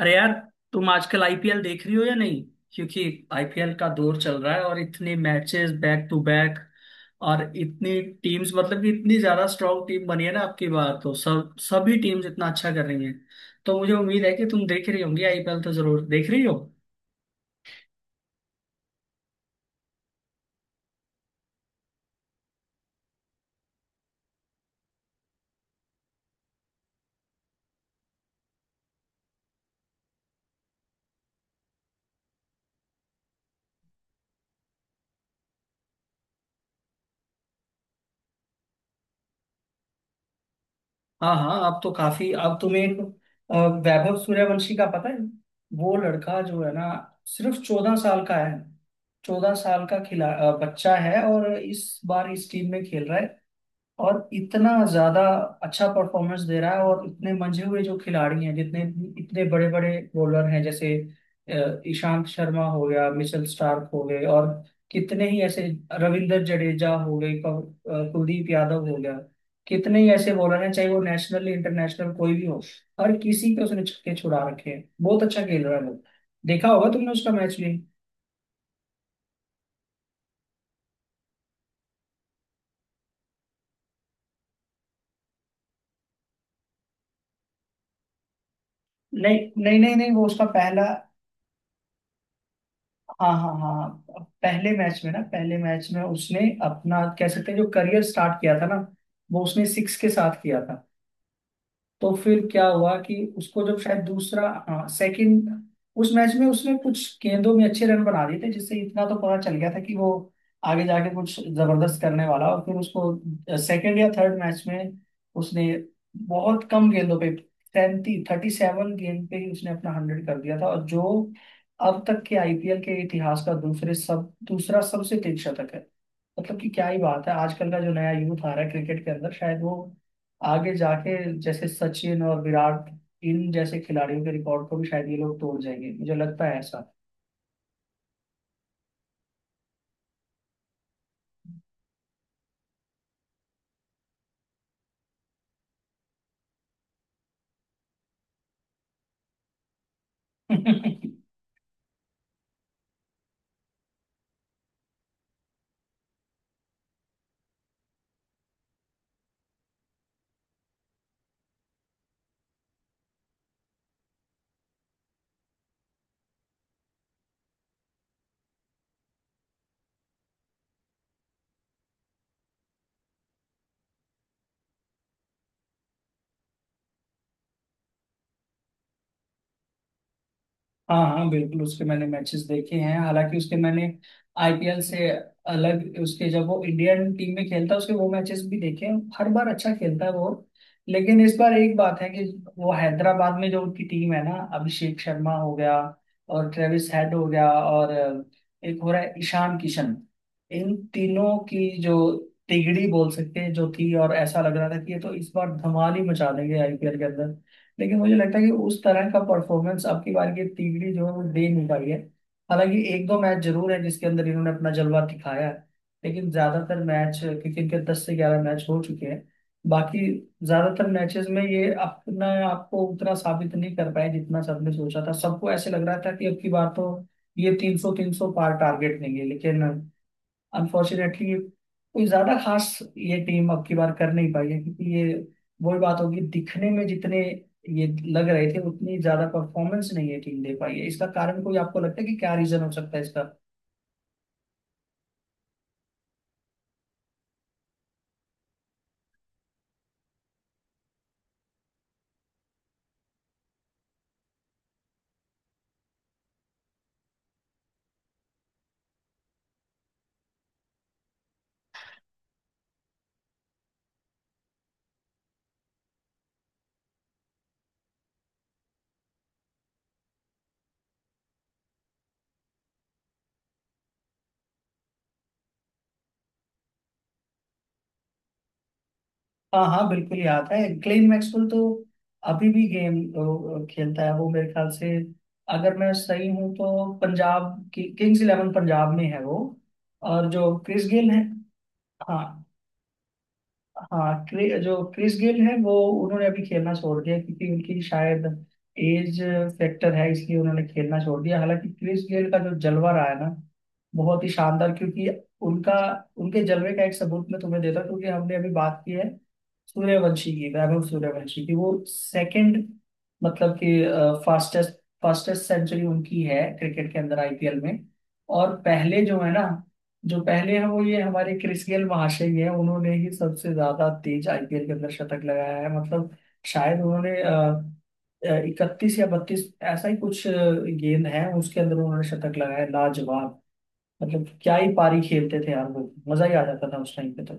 अरे यार, तुम आजकल आईपीएल देख रही हो या नहीं? क्योंकि आईपीएल का दौर चल रहा है और इतने मैचेस बैक टू बैक और इतनी टीम्स। मतलब कि इतनी ज्यादा स्ट्रांग टीम बनी है ना आपकी बार, तो सब सभी टीम्स इतना अच्छा कर रही हैं। तो मुझे उम्मीद है कि तुम देख रही होंगी, आईपीएल तो जरूर देख रही हो। हाँ हाँ, अब तो काफी। अब तुम्हें अ, वैभव सूर्यवंशी का पता है? वो लड़का जो है ना, सिर्फ 14 साल का है। 14 साल का बच्चा है और इस बार इस टीम में खेल रहा है और इतना ज्यादा अच्छा परफॉर्मेंस दे रहा है। और इतने मंझे हुए जो खिलाड़ी हैं जितने, इतने बड़े बड़े बॉलर हैं, जैसे ईशांत शर्मा हो गया, मिचेल स्टार्क हो गए, और कितने ही ऐसे रविंद्र जडेजा हो गए, कुलदीप यादव हो गया। कितने ही ऐसे बॉलर हैं चाहे वो नेशनल इंटरनेशनल कोई भी हो, हर किसी पे उसने छक्के छुड़ा रखे हैं। बहुत अच्छा खेल रहा है वो। देखा होगा तुमने उसका मैच भी। नहीं नहीं नहीं नहीं, वो उसका पहला। हाँ हाँ हाँ, पहले मैच में ना, पहले मैच में उसने अपना कह सकते हैं जो करियर स्टार्ट किया था ना, वो उसने सिक्स के साथ किया था। तो फिर क्या हुआ कि उसको जब शायद दूसरा, हाँ सेकंड, उस मैच में उसने कुछ गेंदों में अच्छे रन बना दिए थे, जिससे इतना तो पता चल गया था कि वो आगे जाके कुछ जबरदस्त करने वाला। और फिर उसको सेकंड या थर्ड मैच में उसने बहुत कम गेंदों पे, 30 37 गेंद पे ही उसने अपना 100 कर दिया था। और जो अब तक के आईपीएल के इतिहास का दूसरे सब दूसरा सबसे तेज शतक है। मतलब कि क्या ही बात है, आजकल का जो नया यूथ आ रहा है क्रिकेट के अंदर शायद वो आगे जाके जैसे सचिन और विराट, इन जैसे खिलाड़ियों के रिकॉर्ड को भी शायद ये लोग तोड़ जाएंगे, मुझे लगता है ऐसा। हाँ हाँ, बिल्कुल उसके मैंने मैचेस देखे हैं, हालांकि उसके मैंने आईपीएल से अलग, उसके जब वो इंडियन टीम में खेलता है उसके वो मैचेस भी देखे हैं। हर बार अच्छा खेलता है वो। लेकिन इस बार एक बात है कि वो हैदराबाद में जो उनकी टीम है ना, अभिषेक शर्मा हो गया और ट्रेविस हेड हो गया, और एक हो रहा है ईशान किशन, इन तीनों की जो तिगड़ी बोल सकते हैं जो थी, और ऐसा लग रहा था कि ये तो इस बार धमाल ही मचा देंगे आईपीएल के। लेकिन मुझे लगता है कि उस तरह का परफॉर्मेंस अब की बार की टीम जो है वो दे नहीं पाई है। हालांकि एक दो मैच जरूर है जिसके अंदर इन्होंने अपना जलवा दिखाया है, लेकिन ज्यादातर मैच, क्योंकि इनके 10 से 11 मैच हो चुके हैं, बाकी ज्यादातर मैचेस में ये अपना आपको उतना साबित नहीं कर पाए जितना सबने सोचा था। सबको ऐसे लग रहा था कि अब की बार तो ये 300 300 पार टारगेट लेंगे, लेकिन अनफॉर्चुनेटली कोई ज्यादा खास ये टीम अब की बार कर नहीं पाई है। क्योंकि ये वही बात होगी, दिखने में जितने ये लग रहे थे उतनी ज्यादा परफॉर्मेंस नहीं ये टीम दे पाई है। इसका कारण कोई आपको लगता है कि क्या रीजन हो सकता है इसका? हाँ हाँ, बिल्कुल याद है, क्लेन मैक्सवेल तो अभी भी गेम खेलता है वो, मेरे ख्याल से। अगर मैं सही हूँ तो पंजाब की किंग्स इलेवन पंजाब में है वो। और जो क्रिस गेल है, हाँ हाँ, जो क्रिस गेल है वो, उन्होंने अभी खेलना छोड़ दिया क्योंकि उनकी शायद एज फैक्टर है, इसलिए उन्होंने खेलना छोड़ दिया। हालांकि क्रिस गेल का जो जलवा रहा है ना, बहुत ही शानदार। क्योंकि उनका, उनके जलवे का एक सबूत मैं तुम्हें देता हूँ, क्योंकि हमने अभी बात की है सूर्यवंशी की, वैभव सूर्यवंशी की, वो सेकंड, मतलब कि फास्टेस्ट फास्टेस्ट सेंचुरी उनकी है क्रिकेट के अंदर आईपीएल में। और पहले जो है ना, जो पहले है वो ये हमारे क्रिस गेल महाशय ही है। उन्होंने ही सबसे ज्यादा तेज आईपीएल के अंदर शतक लगाया है। मतलब शायद उन्होंने 31 या 32, ऐसा ही कुछ गेंद है उसके अंदर उन्होंने शतक लगाया है। लाजवाब। मतलब क्या ही पारी खेलते थे यार, वो मजा ही आ जाता था उस टाइम पे तो।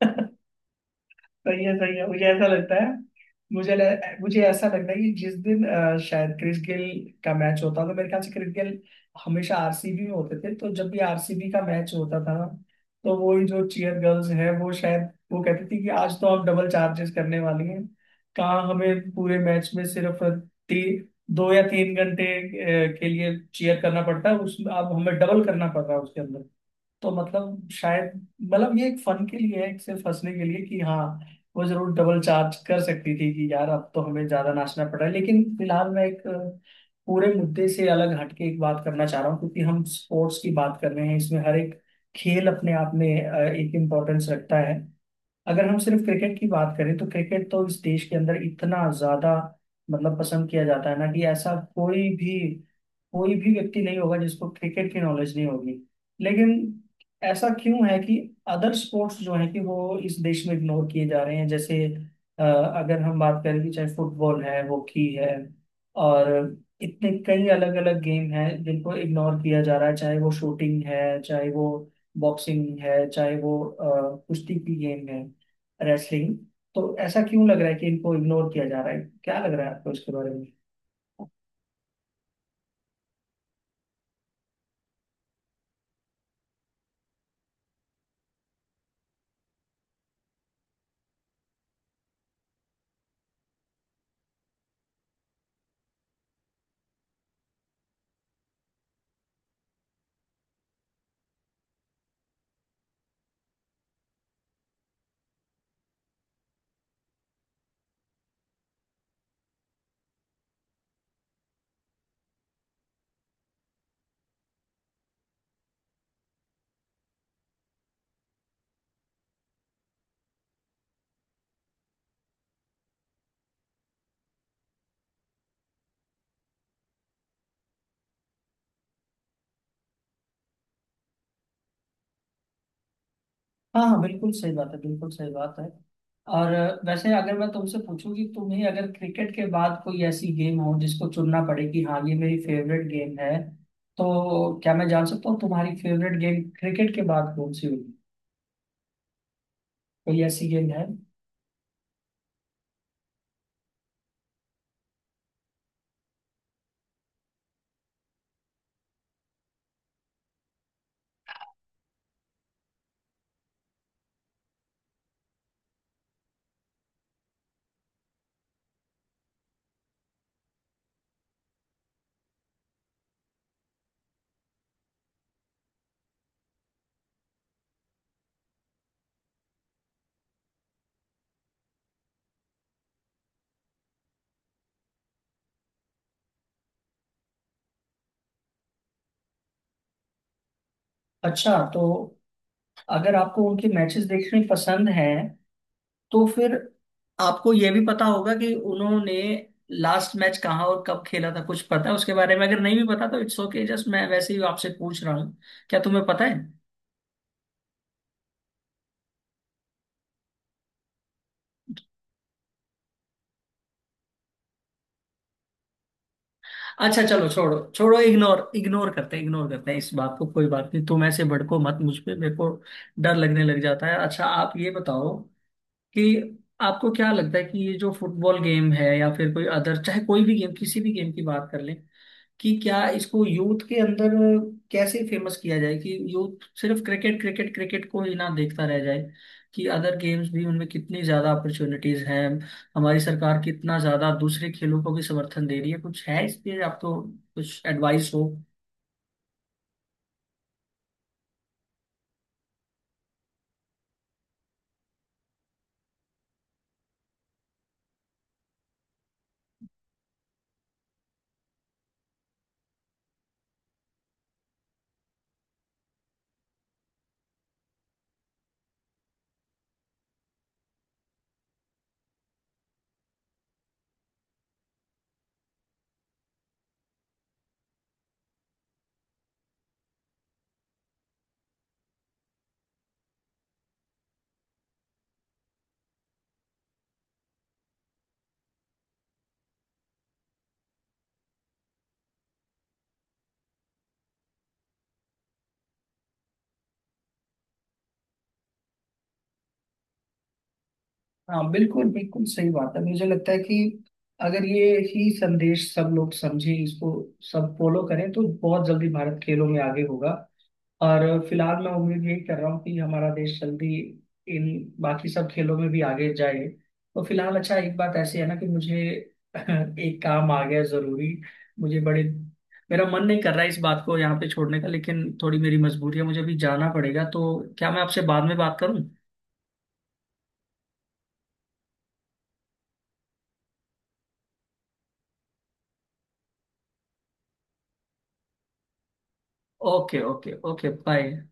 सही है सही है। मुझे ऐसा लगता है, मुझे ऐसा लगता है कि जिस दिन शायद क्रिस गेल का मैच होता था, तो मेरे ख्याल से क्रिस गेल हमेशा आरसीबी में होते थे, तो जब भी आरसीबी का मैच होता था ना, तो वो ही जो चीयर गर्ल्स है वो शायद वो कहती थी कि आज तो हम डबल चार्जेस करने वाली हैं। कहाँ हमें पूरे मैच में सिर्फ ती, 2 या 3 घंटे के लिए चीयर करना पड़ता है, उसमें अब हमें डबल करना पड़ रहा है उसके अंदर। तो मतलब शायद, मतलब ये एक फन के लिए है, एक सिर्फ हंसने के लिए कि हाँ, वो जरूर डबल चार्ज कर सकती थी कि यार अब तो हमें ज्यादा नाचना पड़ रहा है। लेकिन फिलहाल मैं एक पूरे मुद्दे से अलग हटके एक बात करना चाह रहा हूँ, क्योंकि हम स्पोर्ट्स की बात कर रहे हैं। इसमें हर एक खेल अपने आप में एक इम्पोर्टेंस रखता है। अगर हम सिर्फ क्रिकेट की बात करें तो क्रिकेट तो इस देश के अंदर इतना ज्यादा, मतलब पसंद किया जाता है ना, कि ऐसा कोई भी व्यक्ति नहीं होगा जिसको क्रिकेट की नॉलेज नहीं होगी। लेकिन ऐसा क्यों है कि अदर स्पोर्ट्स जो है कि वो इस देश में इग्नोर किए जा रहे हैं? जैसे अगर हम बात करें, कि चाहे फुटबॉल है, हॉकी है, और इतने कई अलग अलग गेम हैं जिनको इग्नोर किया जा रहा है, चाहे वो शूटिंग है, चाहे वो बॉक्सिंग है, चाहे वो कुश्ती की गेम है, रेसलिंग। तो ऐसा क्यों लग रहा है कि इनको इग्नोर किया जा रहा है? क्या लग रहा है आपको इसके बारे में? हाँ हाँ, बिल्कुल सही बात है, बिल्कुल सही बात है। और वैसे अगर मैं तुमसे पूछूं कि तुम्हें अगर क्रिकेट के बाद कोई ऐसी गेम हो जिसको चुनना पड़े कि हाँ ये मेरी फेवरेट गेम है, तो क्या मैं जान सकता हूँ तुम्हारी फेवरेट गेम क्रिकेट के बाद कौन सी होगी? कोई ऐसी गेम है? अच्छा, तो अगर आपको उनके मैचेस देखने पसंद हैं तो फिर आपको ये भी पता होगा कि उन्होंने लास्ट मैच कहाँ और कब खेला था? कुछ पता है उसके बारे में? अगर नहीं भी पता तो इट्स ओके, जस्ट मैं वैसे ही आपसे पूछ रहा हूँ, क्या तुम्हें पता है? अच्छा चलो, छोड़ो छोड़ो, इग्नोर इग्नोर करते हैं, इग्नोर करते हैं इस बात को, कोई बात नहीं। तुम ऐसे भड़को मत मुझ पे, मेरे को डर लगने लग जाता है। अच्छा आप ये बताओ कि आपको क्या लगता है कि ये जो फुटबॉल गेम है या फिर कोई अदर, चाहे कोई भी गेम, किसी भी गेम की बात कर लें, कि क्या इसको यूथ के अंदर कैसे फेमस किया जाए कि यूथ सिर्फ क्रिकेट क्रिकेट क्रिकेट को ही ना देखता रह जाए, कि अदर गेम्स भी उनमें कितनी ज्यादा अपॉर्चुनिटीज हैं, हमारी सरकार कितना ज्यादा दूसरे खेलों को भी समर्थन दे रही है? कुछ है इस पे आपको कुछ एडवाइस हो? हाँ बिल्कुल, बिल्कुल सही बात है। मुझे लगता है कि अगर ये ही संदेश सब लोग समझें इसको, सब फॉलो करें, तो बहुत जल्दी भारत खेलों में आगे होगा। और फिलहाल मैं उम्मीद यही कर रहा हूँ कि हमारा देश जल्दी इन बाकी सब खेलों में भी आगे जाए। तो फिलहाल अच्छा, एक बात ऐसी है ना कि मुझे एक काम आ गया है जरूरी। मुझे बड़े, मेरा मन नहीं कर रहा है इस बात को यहाँ पे छोड़ने का, लेकिन थोड़ी मेरी मजबूरी है, मुझे अभी जाना पड़ेगा। तो क्या मैं आपसे बाद में बात करूँ? Okay okay okay, bye.